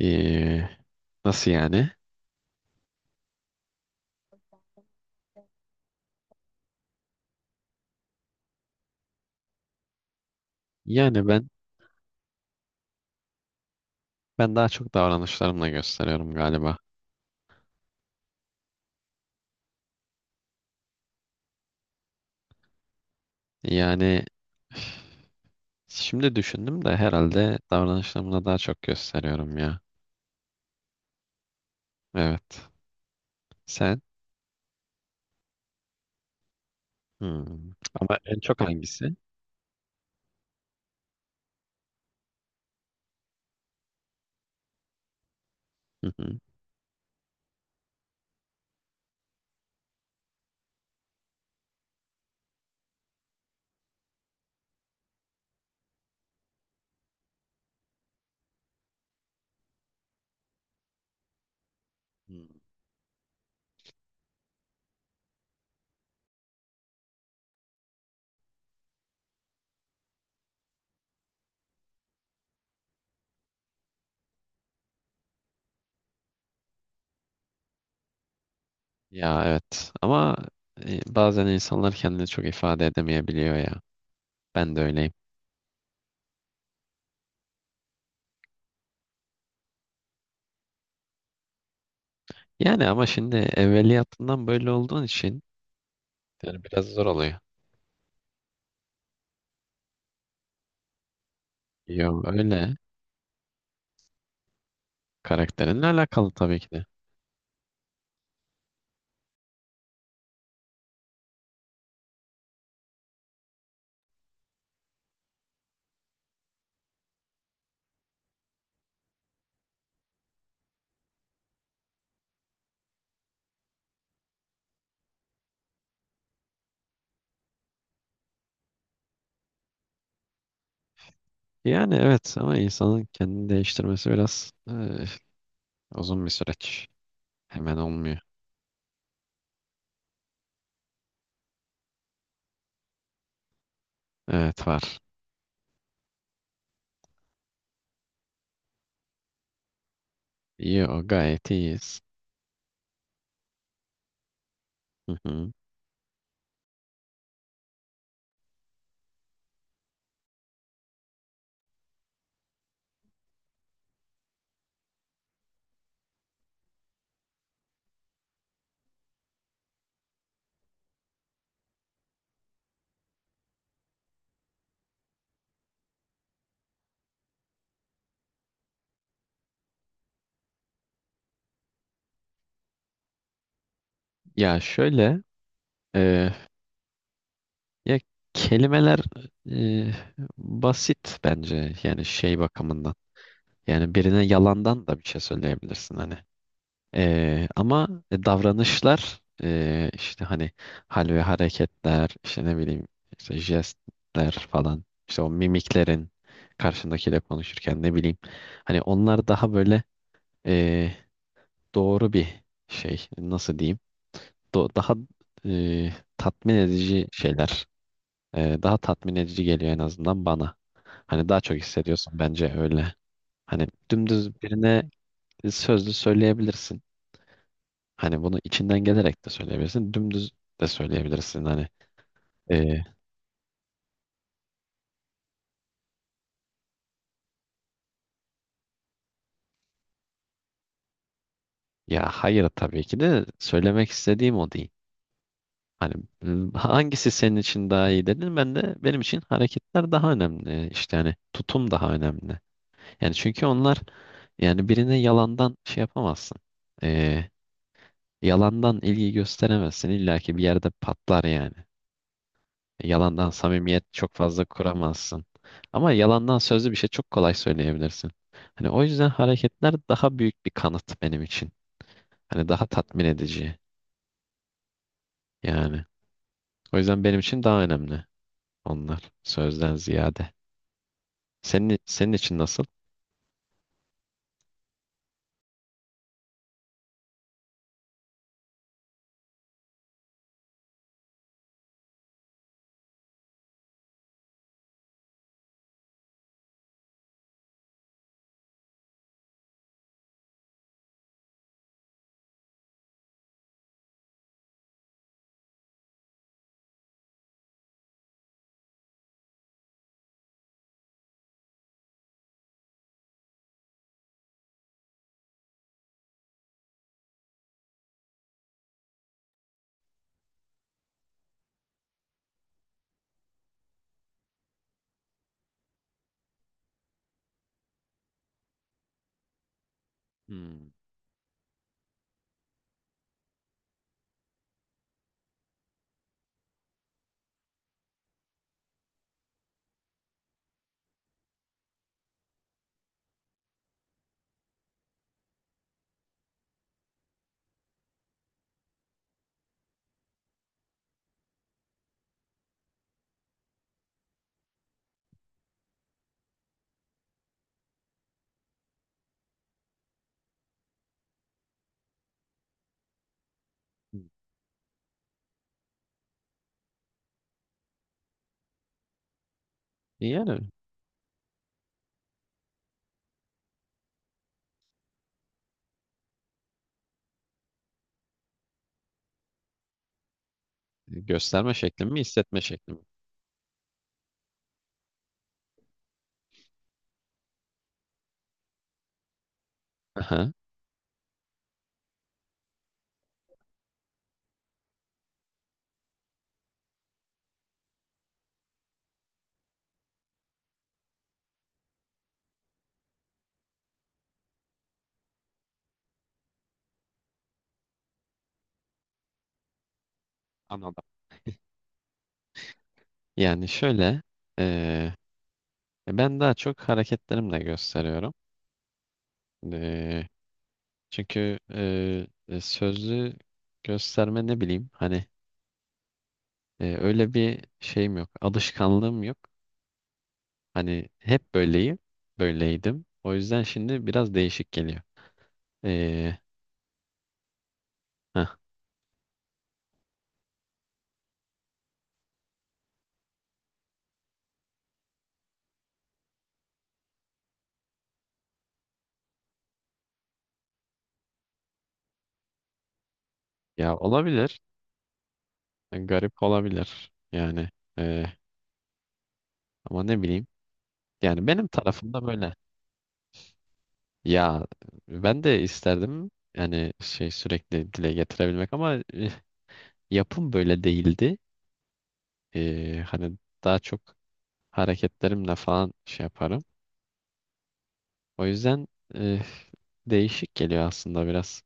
Ee, nasıl yani? Yani ben daha çok davranışlarımla gösteriyorum galiba. Yani şimdi düşündüm de herhalde davranışlarımla daha çok gösteriyorum ya. Evet. Sen? Hmm. Ama en çok hangisi? Hı hı. Hmm. Ya evet. Ama bazen insanlar kendini çok ifade edemeyebiliyor ya. Ben de öyleyim. Yani ama şimdi evveliyatından böyle olduğun için yani biraz zor oluyor. Yo öyle. Karakterinle alakalı tabii ki de. Yani evet ama insanın kendini değiştirmesi biraz uzun bir süreç. Hemen olmuyor. Evet var. İyi o gayet iyiyiz. Hı hı. Ya şöyle, eh, ya kelimeler, eh, basit bence yani şey bakımından. Yani birine yalandan da bir şey söyleyebilirsin hani. Ama davranışlar, işte hani hal ve hareketler, işte ne bileyim, işte jestler falan, işte o mimiklerin karşındakiyle konuşurken, ne bileyim, hani onlar daha böyle ee, doğru bir şey, nasıl diyeyim, daha tatmin edici şeyler. Daha tatmin edici geliyor en azından bana. Hani daha çok hissediyorsun bence öyle. Hani dümdüz birine sözlü söyleyebilirsin. Hani bunu içinden gelerek de söyleyebilirsin. Dümdüz de söyleyebilirsin. Hani e, ya hayır, tabii ki de söylemek istediğim o değil. Hani hangisi senin için daha iyi dedin? Ben de benim için hareketler daha önemli. İşte hani tutum daha önemli. Yani çünkü onlar, yani birine yalandan şey yapamazsın. E, yalandan ilgi gösteremezsin. İlla ki bir yerde patlar yani. Yalandan samimiyet çok fazla kuramazsın. Ama yalandan sözlü bir şey çok kolay söyleyebilirsin. Hani o yüzden hareketler daha büyük bir kanıt benim için. Hani daha tatmin edici yani. O yüzden benim için daha önemli onlar sözden ziyade. Senin için nasıl? Hmm. Yani gösterme şekli mi, hissetme şekli mi? Aha. Anladım. Yani şöyle, eee, ben daha çok hareketlerimle gösteriyorum. Eee, Çünkü sözlü gösterme, ne bileyim hani, öyle bir şeyim yok. Alışkanlığım yok. Hani hep böyleyim. Böyleydim. O yüzden şimdi biraz değişik geliyor. E, heh, ya olabilir. Garip olabilir. Yani, e, ama ne bileyim. Yani benim tarafımda böyle. Ya ben de isterdim yani şey, sürekli dile getirebilmek, ama yapım böyle değildi. Hani daha çok hareketlerimle falan şey yaparım. O yüzden eh, değişik geliyor aslında biraz.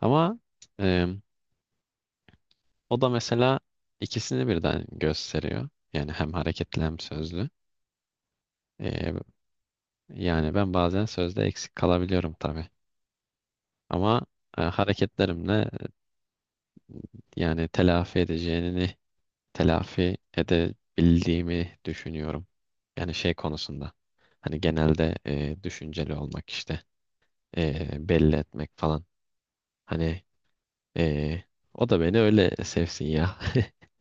Ama eh, o da mesela ikisini birden gösteriyor. Yani hem hareketli hem sözlü. Eh, yani ben bazen sözde eksik kalabiliyorum tabii. Ama hareketlerimle, yani telafi edeceğini, telafi edebildiğimi düşünüyorum. Yani şey konusunda. Hani genelde düşünceli olmak, işte belli etmek falan. Hani Ee, o da beni öyle sevsin ya.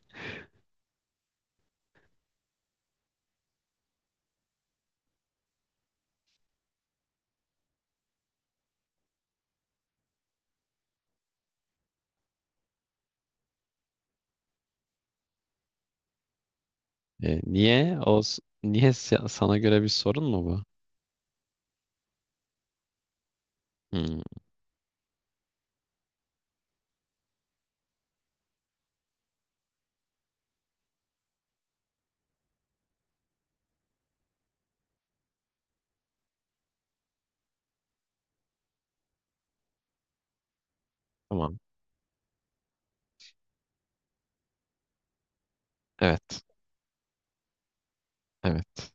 Niye? O s- niye se- Sana göre bir sorun mu bu? Hmm, tamam. Evet. Evet.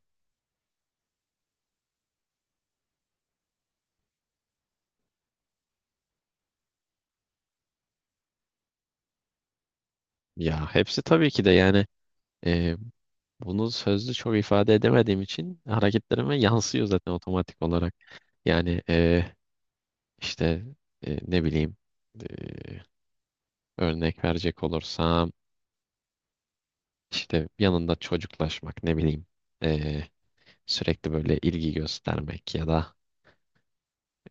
Ya hepsi tabii ki de, yani e, bunu sözlü çok ifade edemediğim için hareketlerime yansıyor zaten otomatik olarak. Yani, işte ne bileyim, e, örnek verecek olursam, işte yanında çocuklaşmak, ne bileyim, e, sürekli böyle ilgi göstermek, ya da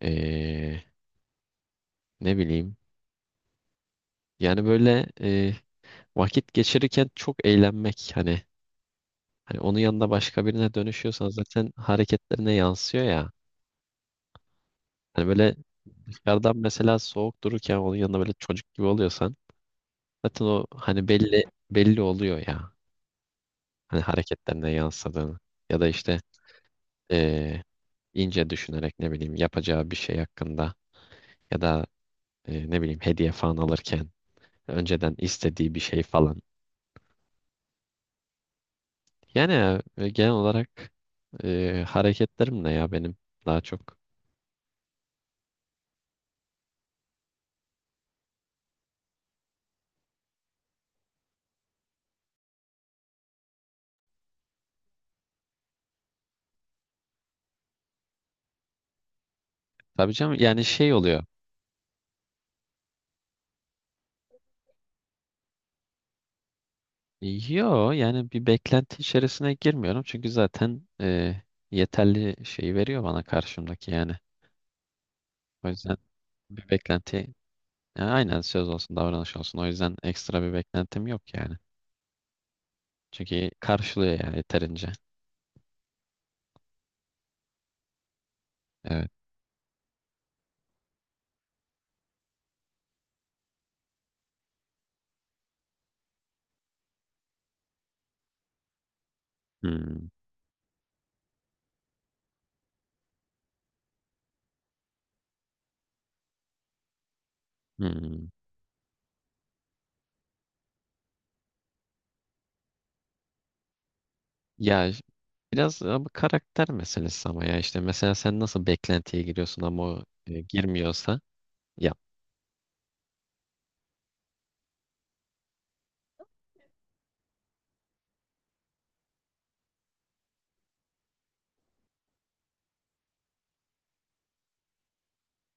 e, ne bileyim, yani böyle, vakit geçirirken çok eğlenmek, hani, hani onun yanında başka birine dönüşüyorsan zaten hareketlerine yansıyor ya. Hani böyle dışarıdan mesela soğuk dururken onun yanında böyle çocuk gibi oluyorsan zaten o hani belli, belli oluyor ya. Hani hareketlerine yansıdığını, ya da işte e, ince düşünerek, ne bileyim, yapacağı bir şey hakkında, ya da ne bileyim, hediye falan alırken önceden istediği bir şey falan. Yani genel olarak hareketlerim ne ya benim, daha çok. Tabii canım, yani şey oluyor. Yo yani bir beklenti içerisine girmiyorum çünkü zaten yeterli şeyi veriyor bana karşımdaki yani. O yüzden bir beklenti, ya aynen, söz olsun davranış olsun. O yüzden ekstra bir beklentim yok yani. Çünkü karşılıyor yani yeterince. Evet. Hmm. Hmm. Ya ş- Biraz ama karakter meselesi, ama ya işte mesela sen nasıl beklentiye giriyorsun ama o girmiyorsa yap.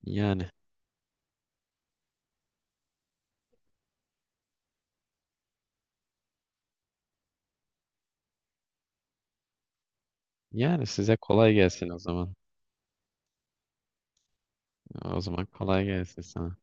Yani yani size kolay gelsin o zaman. O zaman kolay gelsin sana.